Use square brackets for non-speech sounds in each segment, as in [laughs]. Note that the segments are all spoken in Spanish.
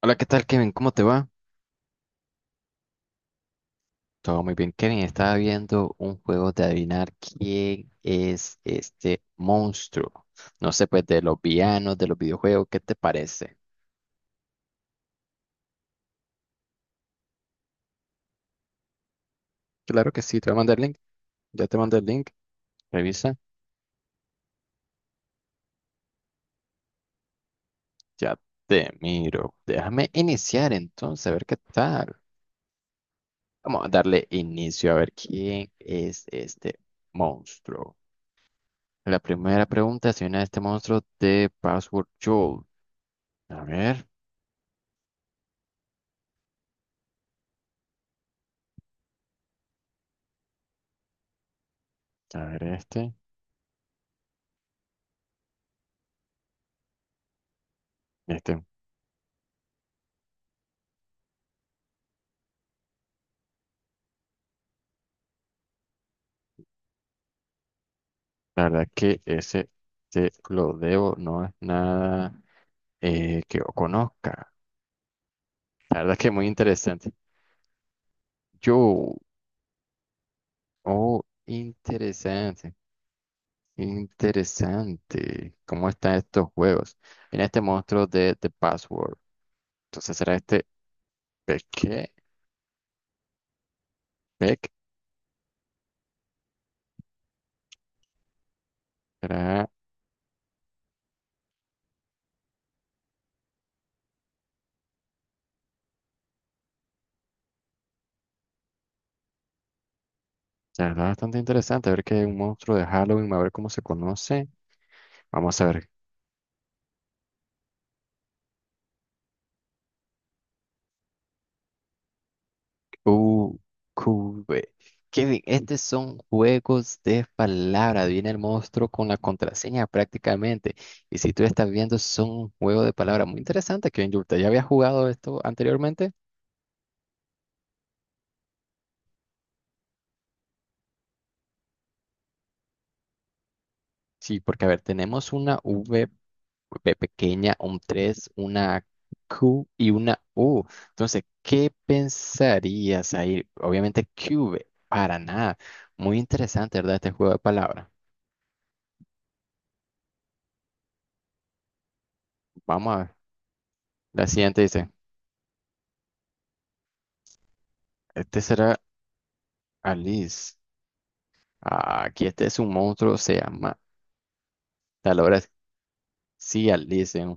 Hola, ¿qué tal, Kevin? ¿Cómo te va? Todo muy bien, Kevin. Estaba viendo un juego de adivinar quién es este monstruo. No sé, pues de los villanos, de los videojuegos, ¿qué te parece? Claro que sí, te voy a mandar el link. Ya te mandé el link. Revisa. Ya te miro. Déjame iniciar entonces, a ver qué tal. Vamos a darle inicio a ver quién es este monstruo. La primera pregunta es si viene este monstruo de Password Joel. A ver, a ver este. Este. La verdad que ese te lo debo, no es nada que yo conozca. La verdad que muy interesante. Yo, oh, interesante, interesante. ¿Cómo están estos juegos? Mira este monstruo de The Password. Entonces será este Peque, Peck. Será, la verdad, bastante interesante. A ver que es un monstruo de Halloween, a ver cómo se conoce. Vamos a ver. U, QV. Kevin, estos son juegos de palabras. Viene el monstruo con la contraseña prácticamente. Y si tú estás viendo, son un juego de palabras muy interesante, Kevin. ¿Usted ya había jugado esto anteriormente? Sí, porque a ver, tenemos una V pequeña, un 3, una Q y una U. Entonces, ¿qué pensarías ahí? Obviamente, QV, para nada. Muy interesante, ¿verdad? Este juego de palabras. Vamos a ver. La siguiente dice. Este será. Alice, ah, aquí este es un monstruo, se llama Talores. Sí, Alice, ¿eh?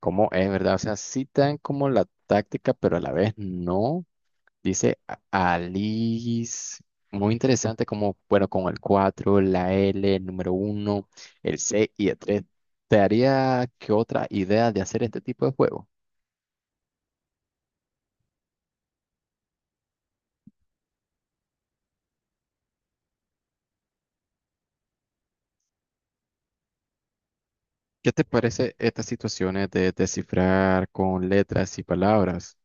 ¿Cómo es, verdad? O sea, sí te como la táctica, pero a la vez no. Dice Alice, muy interesante, como, bueno, con el 4, la L, el número uno, el C y el 3. ¿Te haría qué otra idea de hacer este tipo de juego? ¿Qué te parece estas situaciones de descifrar con letras y palabras?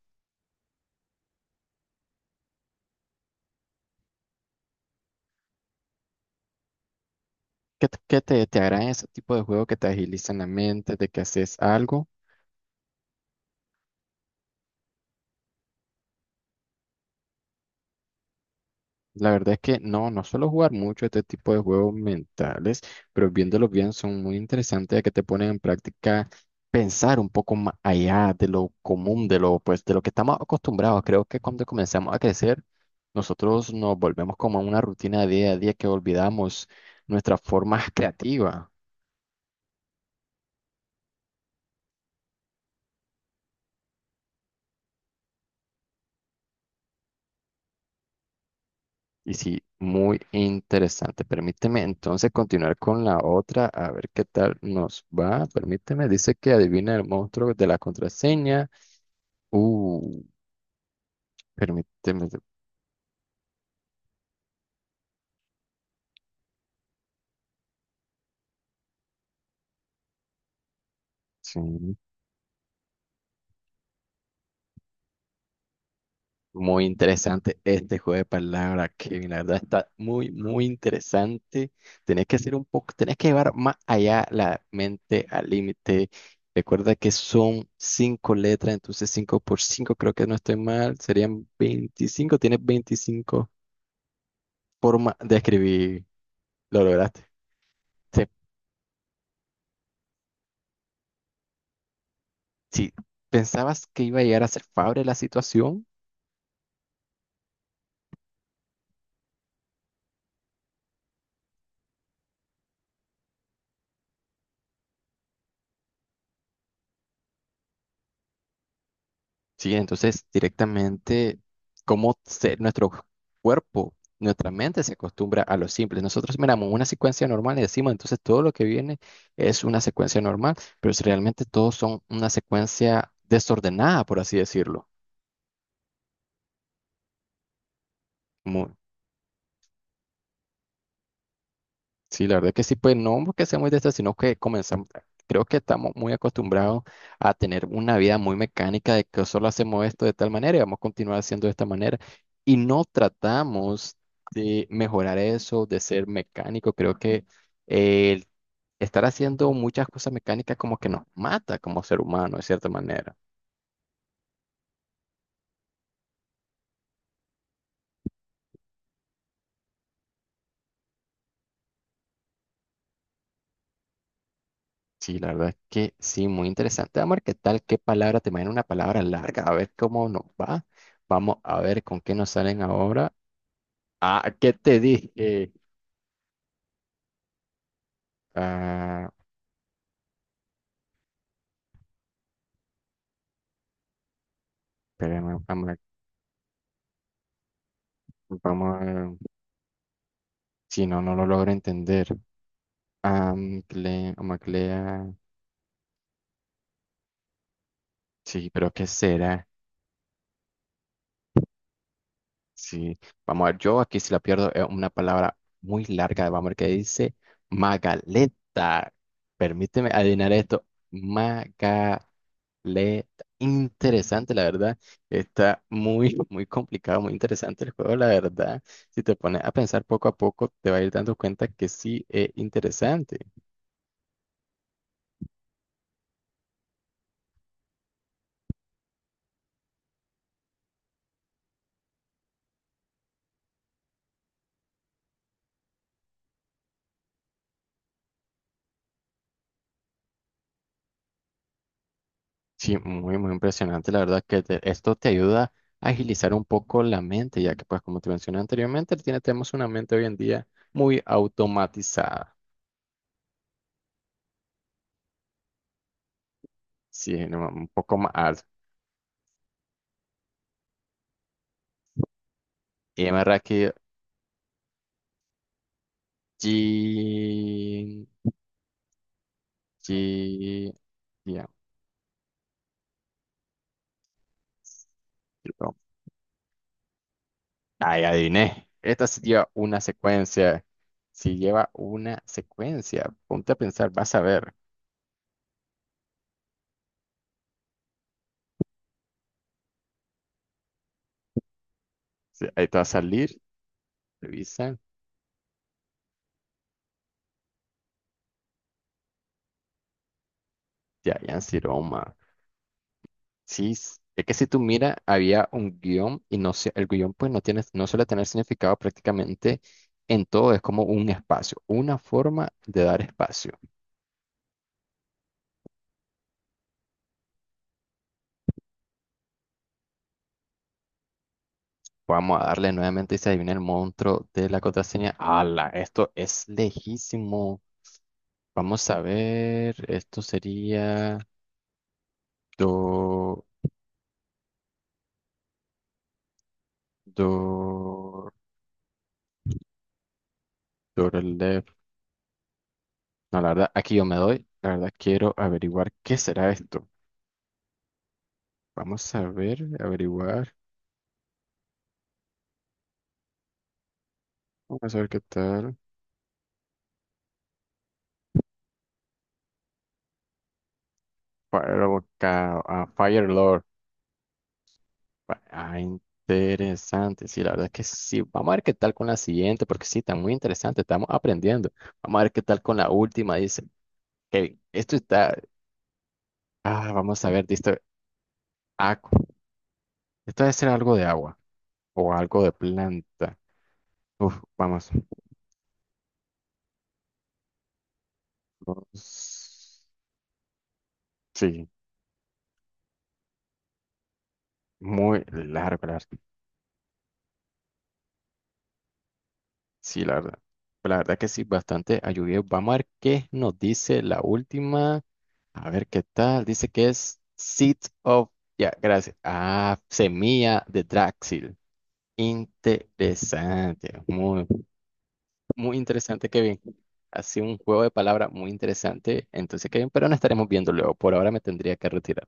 ¿Qué, qué te agradan ese tipo de juegos que te agilizan la mente, de que haces algo? La verdad es que no, no suelo jugar mucho este tipo de juegos mentales, pero viéndolos bien son muy interesantes, ya que te ponen en práctica pensar un poco más allá de lo común, de lo, pues, de lo que estamos acostumbrados. Creo que cuando comenzamos a crecer, nosotros nos volvemos como a una rutina día a día que olvidamos nuestra forma creativa. Y sí, muy interesante. Permíteme entonces continuar con la otra, a ver qué tal nos va. Permíteme, dice que adivina el monstruo de la contraseña. Uh, permíteme. Sí, muy interesante este juego de palabras, Kevin. La verdad está muy interesante. Tenés que hacer un poco, tenés que llevar más allá la mente al límite. Recuerda que son cinco letras, entonces cinco por cinco, creo que no estoy mal, serían 25. Tienes veinticinco forma de escribir lo lograste. Se- Si, pensabas que iba a llegar a ser favorable la situación, sí, entonces directamente cómo nuestro cuerpo, nuestra mente se acostumbra a lo simple. Nosotros miramos una secuencia normal y decimos, entonces todo lo que viene es una secuencia normal, pero si realmente todos son una secuencia desordenada, por así decirlo. Mu- Sí, la verdad que sí, pues no porque seamos de estas, sino que comenzamos, creo que estamos muy acostumbrados a tener una vida muy mecánica de que solo hacemos esto de tal manera y vamos a continuar haciendo de esta manera. Y no tratamos de mejorar eso, de ser mecánico. Creo que el estar haciendo muchas cosas mecánicas como que nos mata como ser humano, de cierta manera. Sí, la verdad que sí, muy interesante. Vamos a ver qué tal, qué palabra, te imagino una palabra larga, a ver cómo nos va. Vamos a ver con qué nos salen ahora. Ah, ¿qué te dije? Ah, espérame, vamos, vamos a- si no, no lo logro entender. Amcle, amaclea, sí, pero ¿qué será? Sí, vamos a ver, yo aquí si la pierdo es una palabra muy larga, vamos a ver qué dice. Magaleta, permíteme adivinar esto. Magaleta. Le interesante, la verdad. Está [laughs] muy complicado, muy interesante el juego, la verdad. Si te pones a pensar poco a poco, te vas a ir dando cuenta que sí es interesante. Sí, muy impresionante, la verdad, que esto te ayuda a agilizar un poco la mente, ya que, pues, como te mencioné anteriormente, tenemos una mente hoy en día muy automatizada. Sí, no, un poco más alta. Y en verdad que G, G, ya, ay, adiviné. Esta sí lleva una secuencia. Si lleva una secuencia, ponte a pensar, vas a ver. Sí, ahí te va a salir, revisa, ya, Siroma. Sí, es que si tú miras, había un guión y no sé, el guión pues no tiene, no suele tener significado prácticamente en todo, es como un espacio, una forma de dar espacio. Vamos a darle nuevamente y se adivina el monstruo de la contraseña. ¡Hala! Esto es lejísimo. Vamos a ver, esto sería. Do, do, Dorolev. No, la verdad, aquí yo me doy. La verdad, quiero averiguar qué será esto. Vamos a ver, averiguar. Vamos a ver qué tal. Firewall, ah, Fire Lord. Ah, interesante. Sí, la verdad que sí. Vamos a ver qué tal con la siguiente, porque sí, está muy interesante. Estamos aprendiendo. Vamos a ver qué tal con la última. Dice, Kevin, esto está. Ah, vamos a ver, dice, Aqua. Esto debe ser algo de agua o algo de planta. Uf, vamos. Pues, sí, muy largo, la verdad. Sí, la verdad. Pues, la verdad que sí, bastante ayudado. Vamos a ver qué nos dice la última. A ver qué tal. Dice que es Seed of. Ya, gracias. Ah, semilla de Draxil. Interesante. Muy, muy interesante, Kevin. Ha sido un juego de palabras muy interesante. Entonces, Kevin, pero no estaremos viendo luego. Por ahora me tendría que retirar.